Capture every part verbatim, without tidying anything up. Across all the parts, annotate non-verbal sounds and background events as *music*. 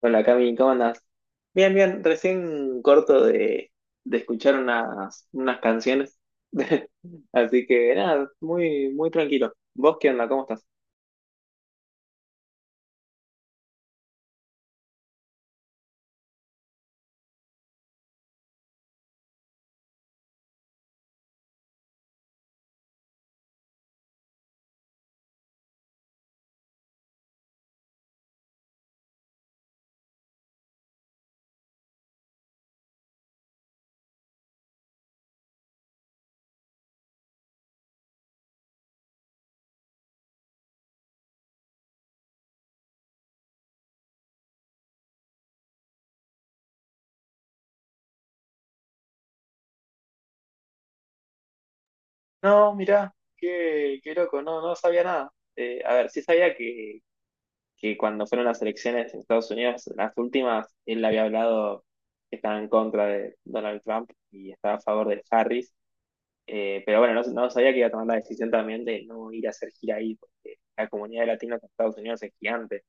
Hola Cami, ¿cómo andás? Bien, bien, recién corto de, de escuchar unas, unas canciones. *laughs* Así que nada, muy, muy tranquilo. ¿Vos qué onda? ¿Cómo estás? No, mirá, qué, qué loco, no, no sabía nada. Eh, a ver, sí sabía que, que cuando fueron las elecciones en Estados Unidos, las últimas, él había hablado que estaba en contra de Donald Trump y estaba a favor de Harris. Eh, pero bueno, no, no sabía que iba a tomar la decisión también de no ir a hacer gira ahí, porque la comunidad latina en Estados Unidos es gigante.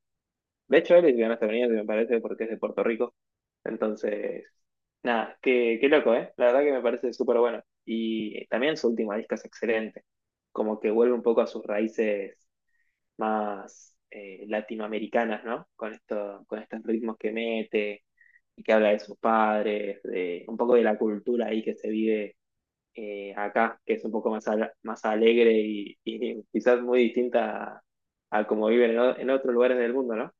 De hecho, él es de Estados Unidos me parece, porque es de Puerto Rico. Entonces, nada, qué, qué loco, ¿eh? La verdad que me parece súper bueno. Y también su última disco es excelente. Como que vuelve un poco a sus raíces más eh, latinoamericanas, ¿no? Con esto, con estos ritmos que mete y que habla de sus padres, de un poco de la cultura ahí que se vive eh, acá, que es un poco más, al- más alegre y, y *laughs* quizás muy distinta a, a como viven en, o- en otros lugares del mundo, ¿no?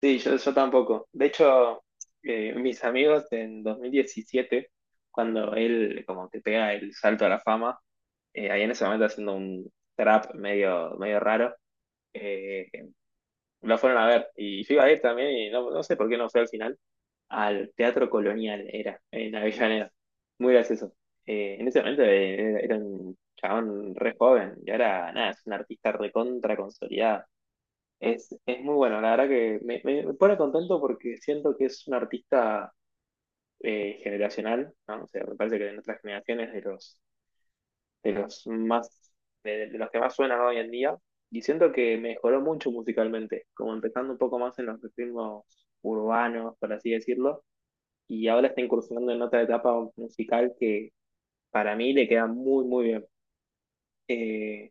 Sí, yo, yo tampoco. De hecho, eh, mis amigos en dos mil diecisiete, cuando él como que pega el salto a la fama, eh, ahí en ese momento haciendo un trap medio, medio raro, eh, lo fueron a ver. Y yo iba a ir también y no, no sé por qué no fue al final, al Teatro Colonial, era, en Avellaneda. Muy gracioso. Eh, en ese momento eh, era un chabón re joven y ahora, nada, es un artista recontra consolidada. Es, es muy bueno, la verdad que me, me- me pone contento porque siento que es un artista eh, generacional, ¿no? O sea, me parece que de nuestras generaciones de los, de los más, de, de los que más suenan hoy en día, y siento que mejoró mucho musicalmente, como empezando un poco más en los ritmos urbanos, por así decirlo, y ahora está incursionando en otra etapa musical que para mí le queda muy, muy bien. Eh,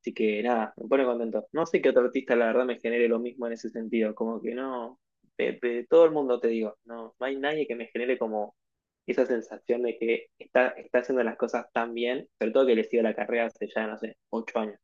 Así que nada, me pone contento. No sé qué otro artista, la verdad, me genere lo mismo en ese sentido, como que no, de, de todo el mundo te digo, no, no hay nadie que me genere como esa sensación de que está, está haciendo las cosas tan bien, sobre todo que le sigo la carrera hace ya, no sé, ocho años.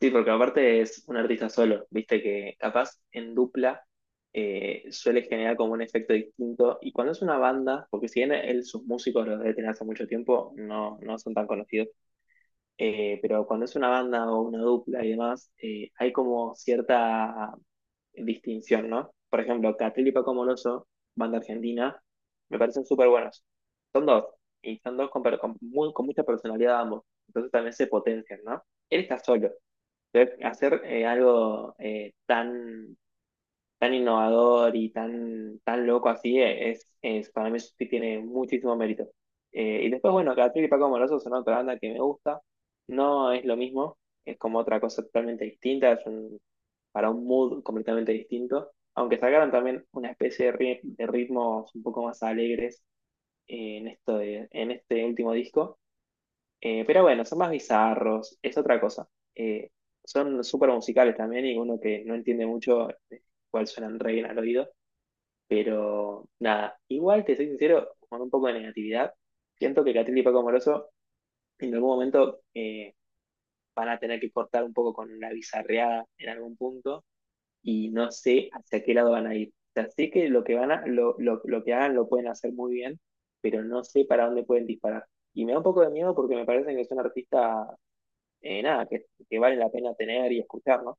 Sí, porque aparte es un artista solo, viste que capaz en dupla eh, suele generar como un efecto distinto. Y cuando es una banda, porque si bien él, sus músicos los debe tener hace mucho tiempo, no, no son tan conocidos, eh, pero cuando es una banda o una dupla y demás, eh, hay como cierta distinción, ¿no? Por ejemplo, Catriel y Paco Moroso, banda argentina, me parecen súper buenos. Son dos, y son dos con, per- con muy- con mucha personalidad ambos, entonces también se potencian, ¿no? Él está solo. Hacer, hacer, eh, algo eh, tan, tan innovador y tan, tan loco así eh, es, es- para mí sí tiene muchísimo mérito. Eh, y después, bueno, Catril y Paco Moroso son otra banda que me gusta. No es lo mismo, es como otra cosa totalmente distinta, es un- para un mood completamente distinto. Aunque sacaron también una especie de, ri- de ritmos un poco más alegres eh, en, esto de- en este último disco. Eh, pero bueno, son más bizarros, es otra cosa. Eh, Son súper musicales también y uno que no entiende mucho eh, cuál suenan re bien al oído. Pero nada, igual te soy sincero, con un poco de negatividad, siento que Catril y Paco Moroso en algún momento eh, van a tener que cortar un poco con la bizarreada en algún punto y no sé hacia qué lado van a ir. O sea, sé que lo que van a, lo, lo, lo que hagan lo pueden hacer muy bien, pero no sé para dónde pueden disparar. Y me da un poco de miedo porque me parecen que son artistas eh, nada, que, que vale la pena tener y escuchar, ¿no?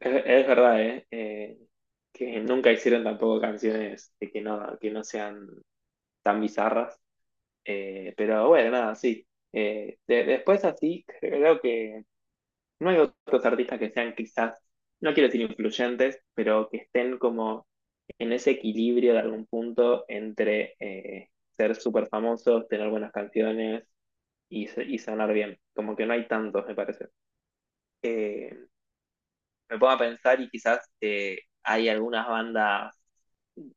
Es, es verdad, ¿eh? Eh, que nunca hicieron tampoco canciones de que no, que no sean tan bizarras. Eh, pero bueno, nada, sí. Eh, de- después así, creo que no hay otros artistas que sean quizás, no quiero decir influyentes, pero que estén como en ese equilibrio de algún punto entre eh, ser súper famosos, tener buenas canciones y, se- y sonar bien. Como que no hay tantos, me parece. Eh, Me pongo a pensar y quizás eh, hay algunas bandas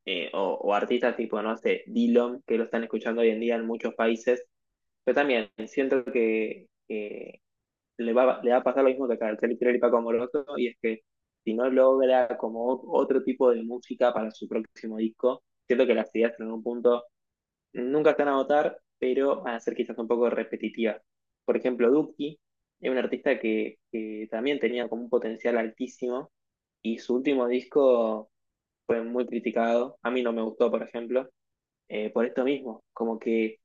eh, o, o, artistas tipo, no sé, Dillom que lo están escuchando hoy en día en muchos países, pero también siento que, que le, va, le va a pasar lo mismo que a el y Paco Amoroso, y es que si no logra como otro tipo de música para su próximo disco, siento que las ideas en un punto nunca están a votar, pero van a ser quizás un poco repetitivas. Por ejemplo, Duki es un artista que, que también tenía como un potencial altísimo y su último disco fue muy criticado. A mí no me gustó, por ejemplo, eh, por esto mismo, como que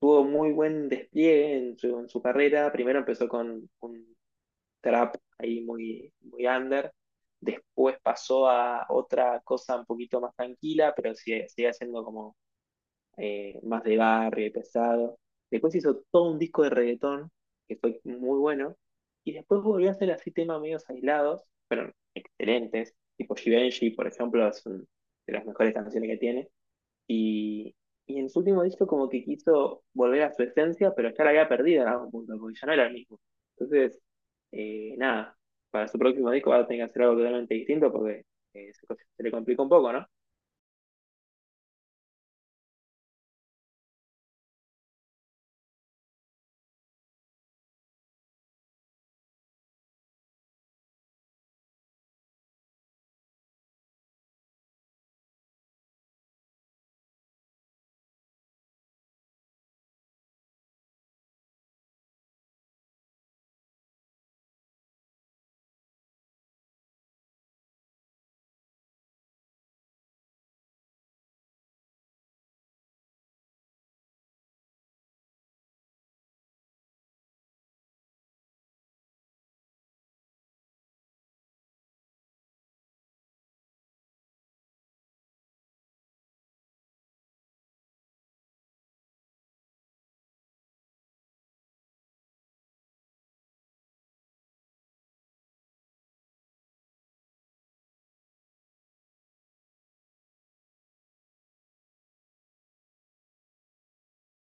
tuvo muy buen despliegue en su, en su carrera. Primero empezó con un trap ahí muy, muy under. Después pasó a otra cosa un poquito más tranquila, pero sigue, sigue siendo como eh, más de barrio y pesado. Después hizo todo un disco de reggaetón, que fue muy bueno. Y después volvió a hacer así temas medios aislados, excelentes, tipo Givenchy, por ejemplo, es un- de las mejores canciones que tiene. Y, y en su último disco como que quiso volver a su esencia, pero ya la había perdido en algún punto, porque ya no era el mismo. Entonces, eh, nada, para su próximo disco va a tener que hacer algo totalmente distinto porque eh, se, se le complica un poco, ¿no?